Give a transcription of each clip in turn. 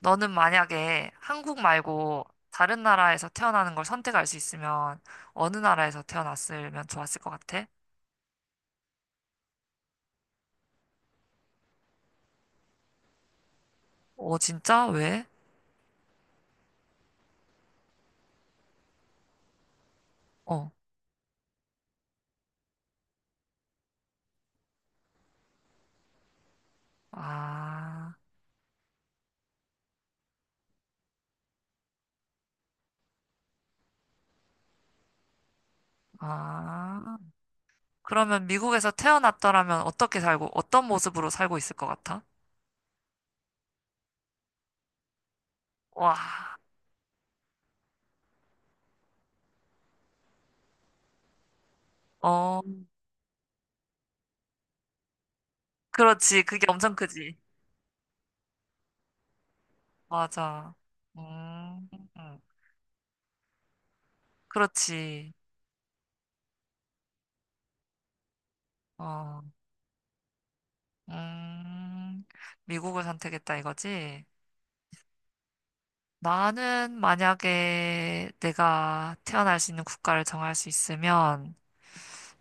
너는 만약에 한국 말고 다른 나라에서 태어나는 걸 선택할 수 있으면 어느 나라에서 태어났으면 좋았을 것 같아? 어, 진짜? 왜? 어. 아, 아. 그러면 미국에서 태어났더라면 어떻게 살고, 어떤 모습으로 살고 있을 것 같아? 와, 어, 그렇지. 그게 엄청 크지. 맞아. 음, 음. 그렇지. 어, 음, 미국을 선택했다 이거지? 나는 만약에 내가 태어날 수 있는 국가를 정할 수 있으면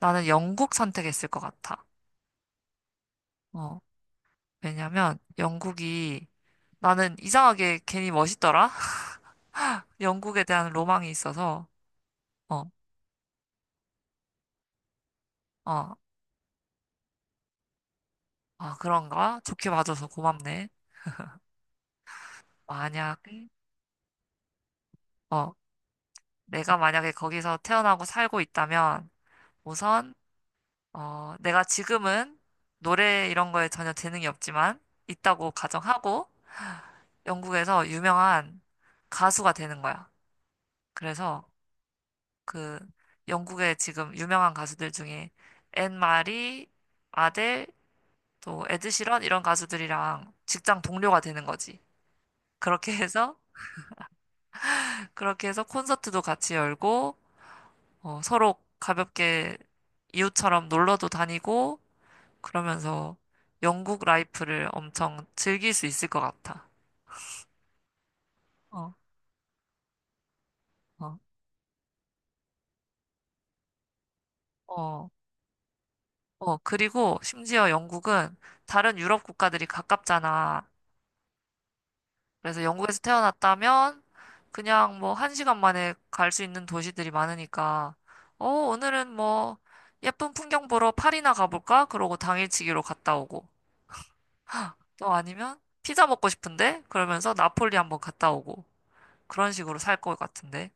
나는 영국 선택했을 것 같아. 어, 왜냐면 영국이 나는 이상하게 괜히 멋있더라? 영국에 대한 로망이 있어서. 어, 어, 아, 그런가? 좋게 봐줘서 고맙네. 만약에, 어, 내가 만약에 거기서 태어나고 살고 있다면 우선, 어, 내가 지금은 노래 이런 거에 전혀 재능이 없지만 있다고 가정하고 영국에서 유명한 가수가 되는 거야. 그래서 그 영국의 지금 유명한 가수들 중에 앤 마리, 아델, 또 에드시런 이런 가수들이랑 직장 동료가 되는 거지. 그렇게 해서 콘서트도 같이 열고, 어, 서로 가볍게 이웃처럼 놀러도 다니고 그러면서 영국 라이프를 엄청 즐길 수 있을 것 같아. 어, 어, 어. 어, 그리고 심지어 영국은 다른 유럽 국가들이 가깝잖아. 그래서 영국에서 태어났다면 그냥 뭐 한 시간 만에 갈 수 있는 도시들이 많으니까, 어, 오늘은 뭐 예쁜 풍경 보러 파리나 가볼까? 그러고 당일치기로 갔다 오고. 또 아니면 피자 먹고 싶은데? 그러면서 나폴리 한번 갔다 오고. 그런 식으로 살 것 같은데.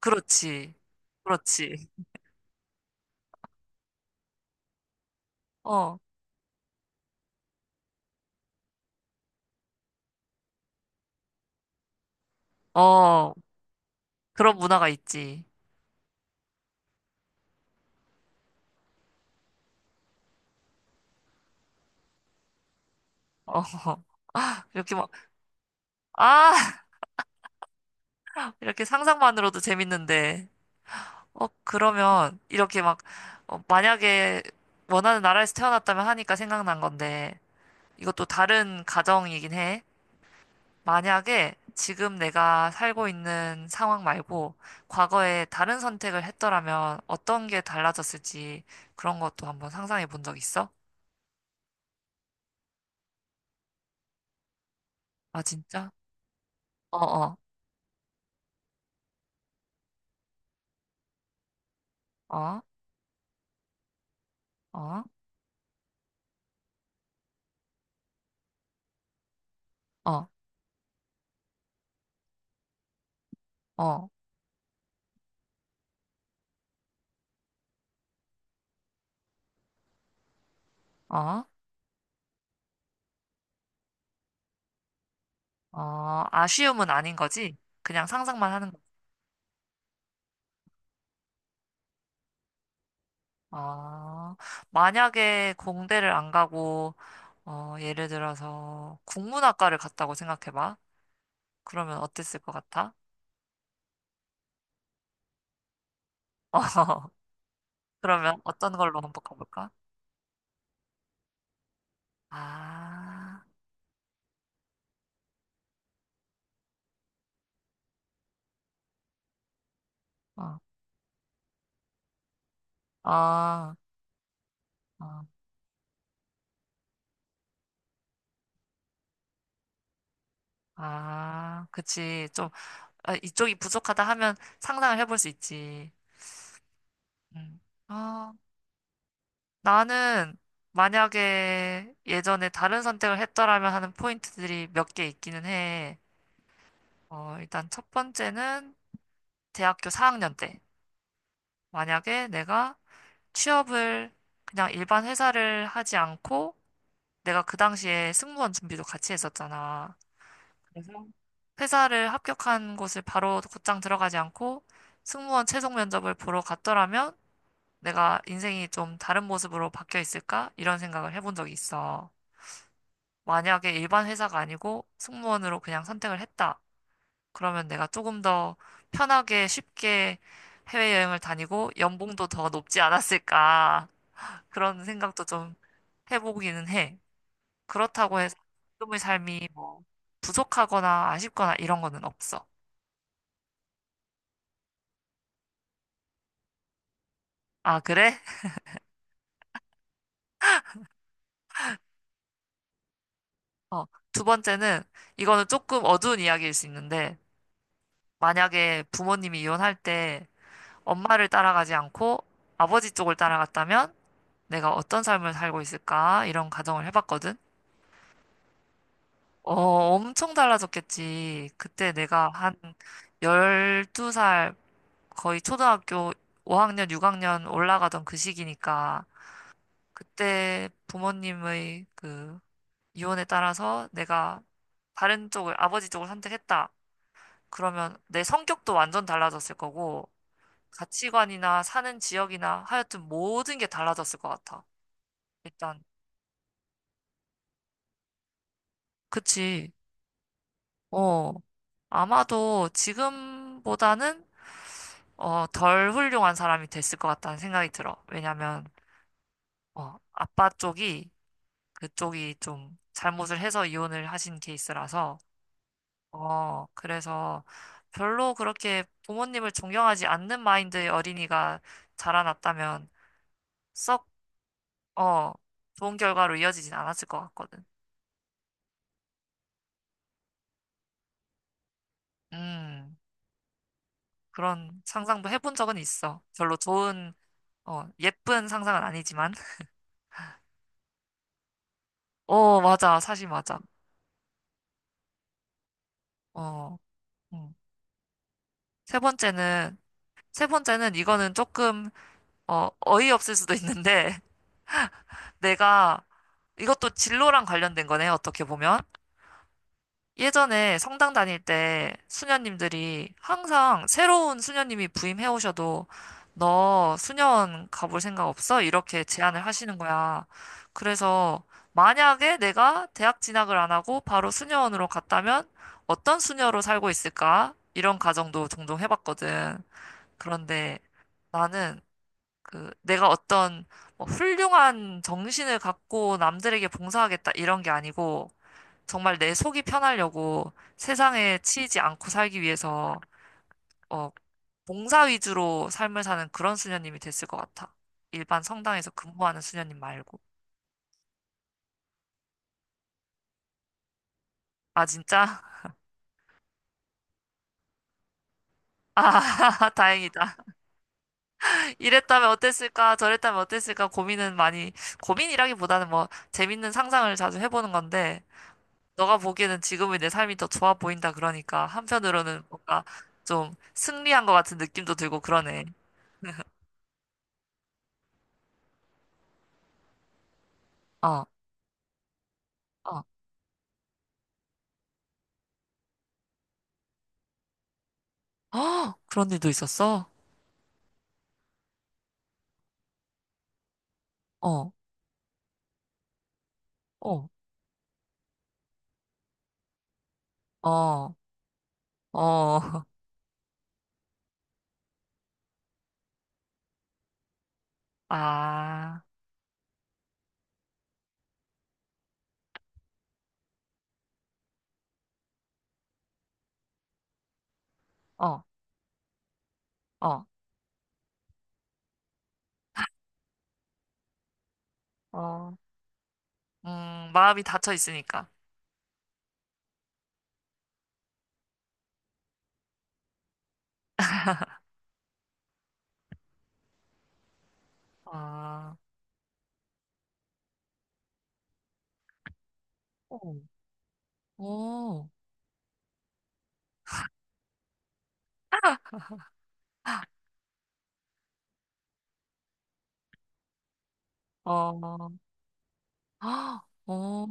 그렇지. 그렇지. 어, 어, 그런 문화가 있지. 어, 이렇게 막, 아! 이렇게 상상만으로도 재밌는데, 어, 그러면 이렇게 막, 어, 만약에 원하는 나라에서 태어났다면 하니까 생각난 건데, 이것도 다른 가정이긴 해. 만약에 지금 내가 살고 있는 상황 말고, 과거에 다른 선택을 했더라면 어떤 게 달라졌을지 그런 것도 한번 상상해 본 적 있어? 아, 진짜? 어, 어, 어, 어, 어, 어, 어, 어, 아쉬움은 아닌 거지? 그냥 상상만 하는. 아, 만약에 공대를 안 가고, 어, 예를 들어서 국문학과를 갔다고 생각해봐. 그러면 어땠을 것 같아? 어, 그러면 어떤 걸로 한번 가볼까? 아, 어, 아, 어, 아, 그치. 좀, 아, 이쪽이 부족하다 하면 상상을 해볼 수 있지. 음. 아, 나는 만약에 예전에 다른 선택을 했더라면 하는 포인트들이 몇 개 있기는 해. 어, 일단 첫 번째는 대학교 4학년 때 만약에 내가 취업을 그냥 일반 회사를 하지 않고 내가 그 당시에 승무원 준비도 같이 했었잖아. 그래서 회사를 합격한 곳을 바로 곧장 들어가지 않고 승무원 최종 면접을 보러 갔더라면 내가 인생이 좀 다른 모습으로 바뀌어 있을까? 이런 생각을 해본 적이 있어. 만약에 일반 회사가 아니고 승무원으로 그냥 선택을 했다. 그러면 내가 조금 더 편하게 쉽게 해외여행을 다니고 연봉도 더 높지 않았을까. 그런 생각도 좀 해보기는 해. 그렇다고 해서 지금의 삶이 뭐 부족하거나 아쉽거나 이런 거는 없어. 아, 그래? 어, 두 번째는 이거는 조금 어두운 이야기일 수 있는데 만약에 부모님이 이혼할 때 엄마를 따라가지 않고 아버지 쪽을 따라갔다면 내가 어떤 삶을 살고 있을까? 이런 가정을 해봤거든. 어, 엄청 달라졌겠지. 그때 내가 한 12살, 거의 초등학교 5학년, 6학년 올라가던 그 시기니까, 그때 부모님의 그 유언에 따라서 내가 다른 쪽을, 아버지 쪽을 선택했다. 그러면 내 성격도 완전 달라졌을 거고, 가치관이나 사는 지역이나 하여튼 모든 게 달라졌을 것 같아. 일단, 그치. 어, 아마도 지금보다는 어, 덜 훌륭한 사람이 됐을 것 같다는 생각이 들어. 왜냐면, 어, 아빠 쪽이 그쪽이 좀 잘못을 해서 이혼을 하신 케이스라서, 어, 그래서 별로 그렇게 부모님을 존경하지 않는 마인드의 어린이가 자라났다면 썩, 어, 좋은 결과로 이어지진 않았을 것 같거든. 음, 그런 상상도 해본 적은 있어. 별로 좋은, 어, 예쁜 상상은 아니지만. 어, 맞아. 사실 맞아. 어, 음. 세 번째는 이거는 조금 어, 어이없을 수도 있는데 내가 이것도 진로랑 관련된 거네, 어떻게 보면. 예전에 성당 다닐 때 수녀님들이 항상 새로운 수녀님이 부임해 오셔도 너 수녀원 가볼 생각 없어? 이렇게 제안을 하시는 거야. 그래서 만약에 내가 대학 진학을 안 하고 바로 수녀원으로 갔다면 어떤 수녀로 살고 있을까? 이런 가정도 종종 해봤거든. 그런데 나는 그 내가 어떤 뭐 훌륭한 정신을 갖고 남들에게 봉사하겠다 이런 게 아니고 정말 내 속이 편하려고 세상에 치이지 않고 살기 위해서 어 봉사 위주로 삶을 사는 그런 수녀님이 됐을 것 같아. 일반 성당에서 근무하는 수녀님 말고. 아, 진짜? 아, 다행이다. 이랬다면 어땠을까? 저랬다면 어땠을까? 고민은 많이, 고민이라기보다는 뭐 재밌는 상상을 자주 해보는 건데 너가 보기에는 지금의 내 삶이 더 좋아 보인다 그러니까 한편으로는 뭔가 좀 승리한 것 같은 느낌도 들고 그러네. 어, 어, 어, 그런 일도 있었어? 어, 어, 어, 어, 아, 어, 어, 어, 마음이 닫혀 있으니까. 아, 어, 어, 어, 어, 어,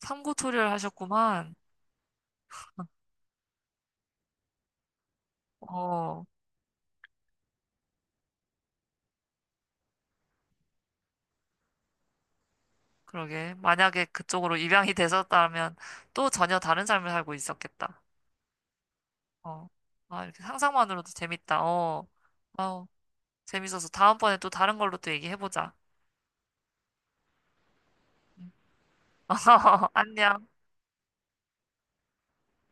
삼고 초려를 하셨구만. 어. 그러게. 만약에 그쪽으로 입양이 되셨다면 또 전혀 다른 삶을 살고 있었겠다. 어. 아, 이렇게 상상만으로도 재밌다. 어. 아우, 재밌어서 다음번에 또 다른 걸로 또 얘기해보자. 안녕.